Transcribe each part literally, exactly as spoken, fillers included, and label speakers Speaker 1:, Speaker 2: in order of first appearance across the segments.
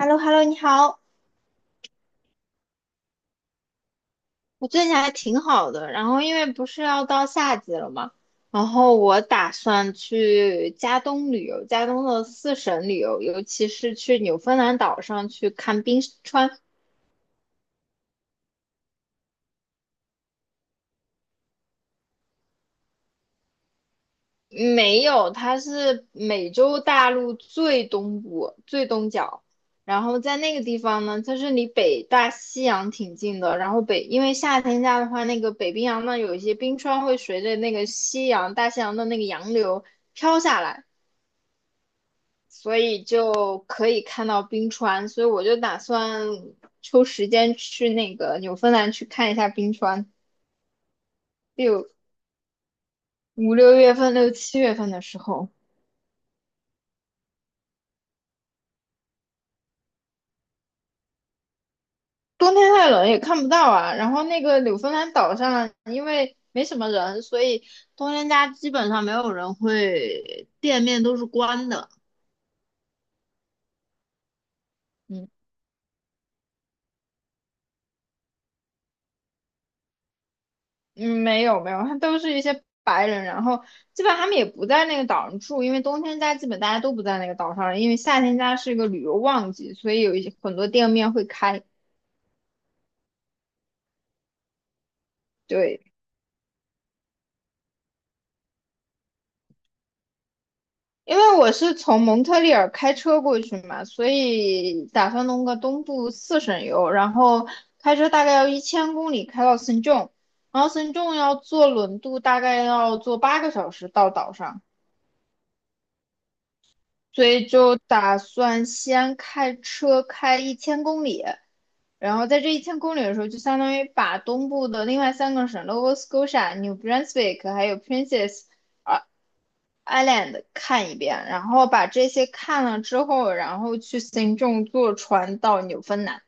Speaker 1: h e l l o h e l l o 你好，我最近还挺好的。然后因为不是要到夏季了嘛，然后我打算去加东旅游，加东的四省旅游，尤其是去纽芬兰岛上去看冰川。没有，它是美洲大陆最东部、最东角。然后在那个地方呢，它是离北大西洋挺近的。然后北，因为夏天家的话，那个北冰洋呢，有一些冰川会随着那个西洋、大西洋的那个洋流飘下来。所以就可以看到冰川，所以我就打算抽时间去那个纽芬兰去看一下冰川。六五六月份、六七月份的时候，冬天太冷也看不到啊。然后那个纽芬兰岛上，因为没什么人，所以冬天家基本上没有人会，店面都是关的。嗯嗯，没有没有，他都是一些白人，然后基本他们也不在那个岛上住，因为冬天家基本大家都不在那个岛上了，因为夏天家是一个旅游旺季，所以有一些很多店面会开。对，因为我是从蒙特利尔开车过去嘛，所以打算弄个东部四省游，然后开车大概要一千公里开到圣仲，然后圣仲要坐轮渡，大概要坐八个小时到岛上。所以就打算先开车开一千公里，然后在这一千公里的时候，就相当于把东部的另外三个省 Nova Scotia、New Brunswick 还有 Princess Island 看一遍，然后把这些看了之后，然后去行政坐船到纽芬兰。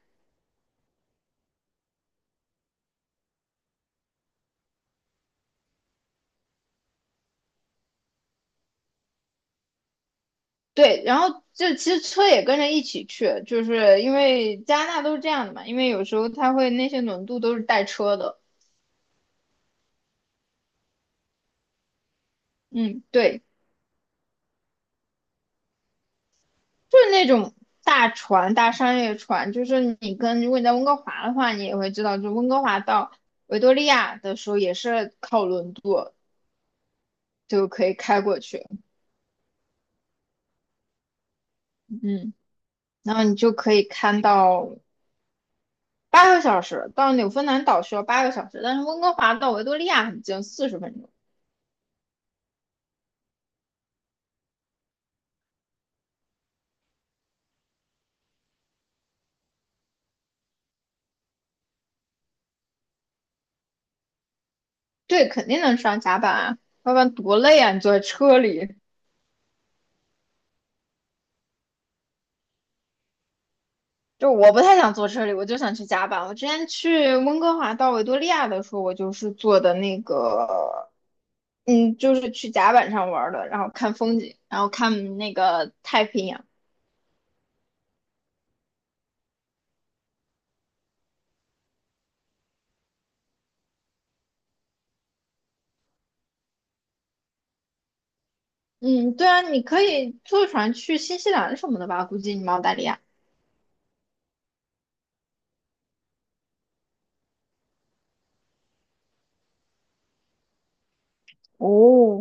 Speaker 1: 对，然后就其实车也跟着一起去，就是因为加拿大都是这样的嘛，因为有时候它会那些轮渡都是带车的。嗯，对。就是那种大船、大商业船，就是你跟如果你在温哥华的话，你也会知道，就温哥华到维多利亚的时候也是靠轮渡就可以开过去，嗯，然后你就可以看到八个小时，到纽芬兰岛需要八个小时，但是温哥华到维多利亚很近，四十分钟，对，肯定能上甲板啊，要不然多累啊，你坐在车里。就我不太想坐车里，我就想去甲板。我之前去温哥华到维多利亚的时候，我就是坐的那个，嗯，就是去甲板上玩儿的，然后看风景，然后看那个太平洋。嗯，对啊，你可以坐船去新西兰什么的吧？估计你们澳大利亚。哦，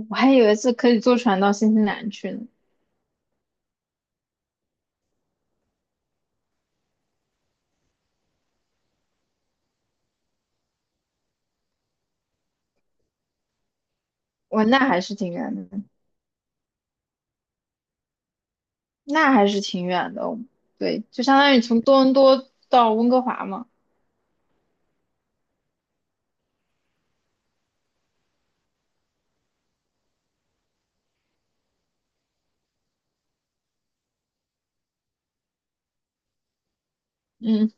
Speaker 1: 我还以为是可以坐船到新西兰去呢。我那还是挺远的，那还是挺远的。对，就相当于从多伦多到温哥华嘛。嗯。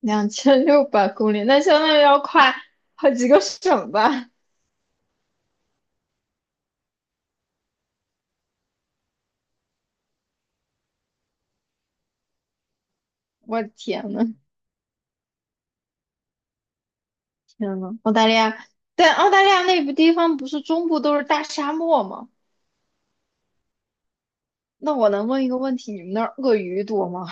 Speaker 1: 两千六百公里，那相当于要跨好几个省吧？我的天呐，天呐，澳大利亚，但澳大利亚那个地方不是中部都是大沙漠吗？那我能问一个问题，你们那儿鳄鱼多吗？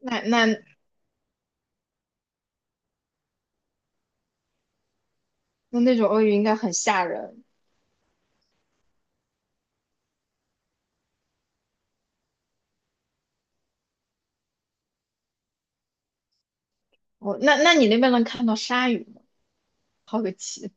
Speaker 1: 那那那那种鳄鱼应该很吓人。哦。那那你那边能看到鲨鱼吗？好个奇！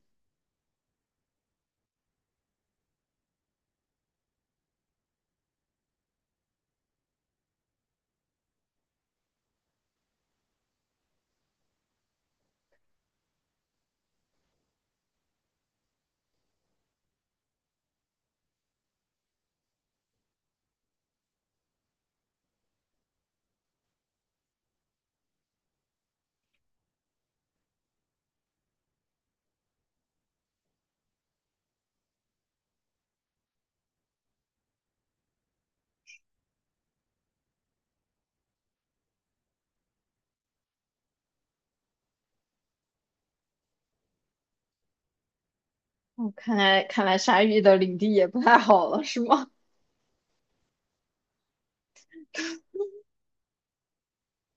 Speaker 1: 哦，看来看来鲨鱼的领地也不太好了，是吗？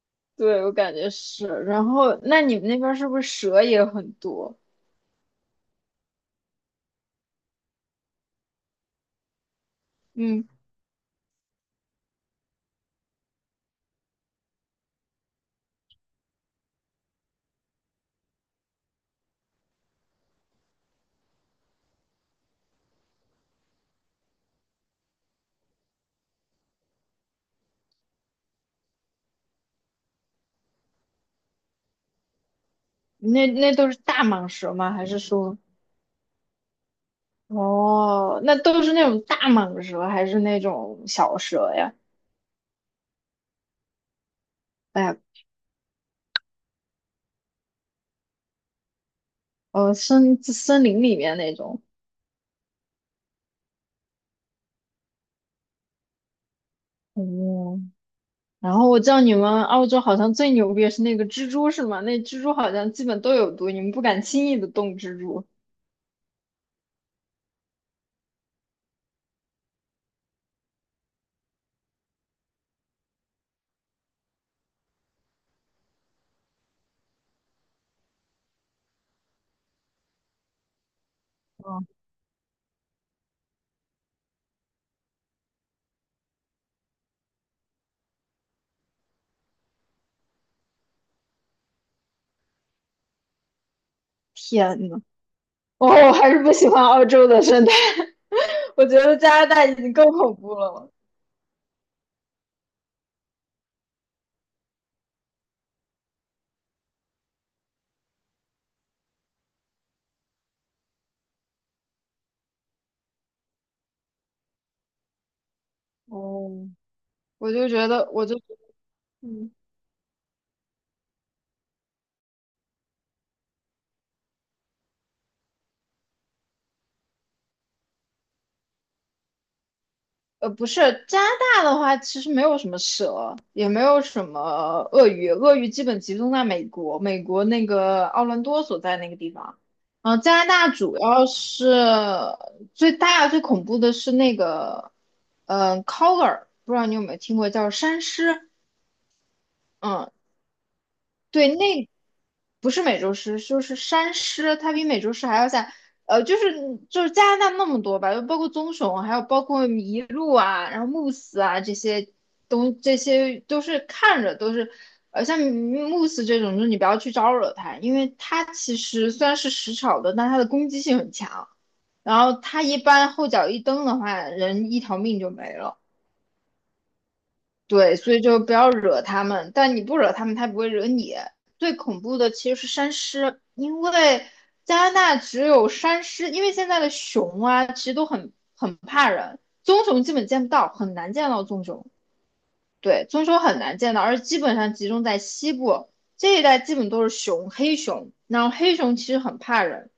Speaker 1: 对，我感觉是。然后，那你们那边是不是蛇也很多？嗯，那那都是大蟒蛇吗？还是说，哦，那都是那种大蟒蛇，还是那种小蛇呀？哎呀，呃，森森林里面那种。哦，然后我知道你们澳洲好像最牛逼的是那个蜘蛛，是吗？那蜘蛛好像基本都有毒，你们不敢轻易的动蜘蛛。哦，天呐，哦，我还是不喜欢澳洲的生态，我觉得加拿大已经够恐怖了。哦，我就觉得，我就，嗯。呃，不是，加拿大的话，其实没有什么蛇，也没有什么鳄鱼，鳄鱼基本集中在美国，美国那个奥兰多所在那个地方。嗯，加拿大主要是最大最恐怖的是那个，嗯、呃 c o l l a r 不知道你有没有听过，叫山狮。嗯，对，那不是美洲狮，就是山狮，它比美洲狮还要像，呃，就是就是加拿大那么多吧，就包括棕熊，还有包括麋鹿啊，然后慕斯啊这些东，这些都是看着都是，呃，像慕斯这种，就是你不要去招惹它，因为它其实虽然是食草的，但它的攻击性很强，然后它一般后脚一蹬的话，人一条命就没了。对，所以就不要惹他们，但你不惹他们，他不会惹你。最恐怖的其实是山狮，因为加拿大只有山狮，因为现在的熊啊，其实都很很怕人，棕熊基本见不到，很难见到棕熊。对，棕熊很难见到，而基本上集中在西部这一带，基本都是熊、黑熊，然后黑熊其实很怕人。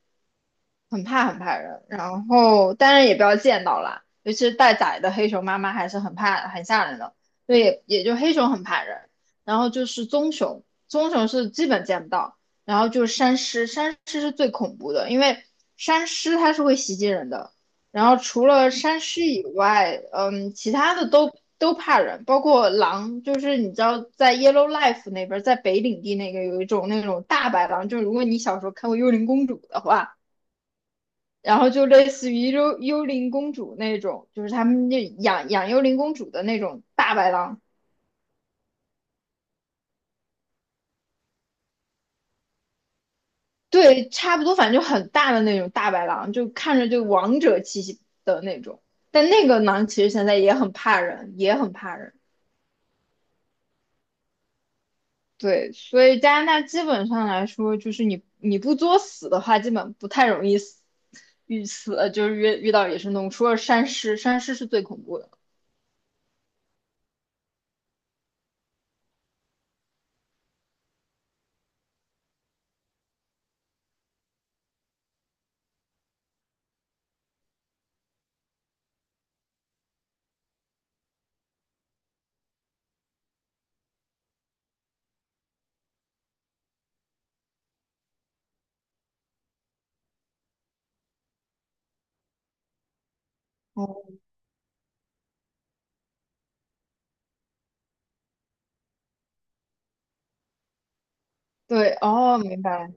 Speaker 1: 很怕很怕人，然后当然也不要见到啦，尤其是带崽的黑熊妈妈还是很怕很吓人的，所以也也就黑熊很怕人，然后就是棕熊，棕熊是基本见不到，然后就是山狮，山狮是最恐怖的，因为山狮它是会袭击人的，然后除了山狮以外，嗯，其他的都都怕人，包括狼，就是你知道在 y e l l o w k i f e 那边，在北领地那个有一种那种大白狼，就是如果你小时候看过《幽灵公主》的话。然后就类似于幽幽灵公主那种，就是他们那养养幽灵公主的那种大白狼，对，差不多，反正就很大的那种大白狼，就看着就王者气息的那种。但那个狼其实现在也很怕人，也很怕人。对，所以加拿大基本上来说，就是你你不作死的话，基本不太容易死，遇死就是遇遇到野生动物，除了山狮，山狮是最恐怖的。哦，对，哦，明白了。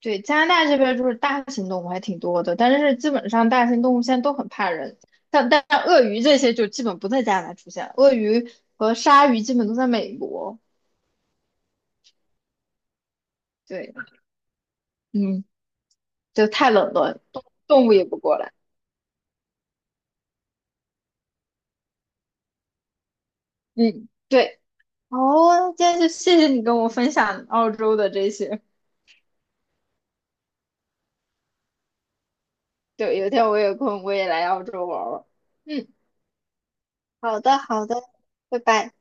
Speaker 1: 对，加拿大这边就是大型动物还挺多的，但是基本上大型动物现在都很怕人，像但但鳄鱼这些就基本不在加拿大出现，鳄鱼和鲨鱼基本都在美国。对，嗯，就太冷了，动动物也不过来。嗯，对。哦，今天就谢谢你跟我分享澳洲的这些。对，有一天我有空我也来澳洲玩玩。嗯，好的，好的，拜拜。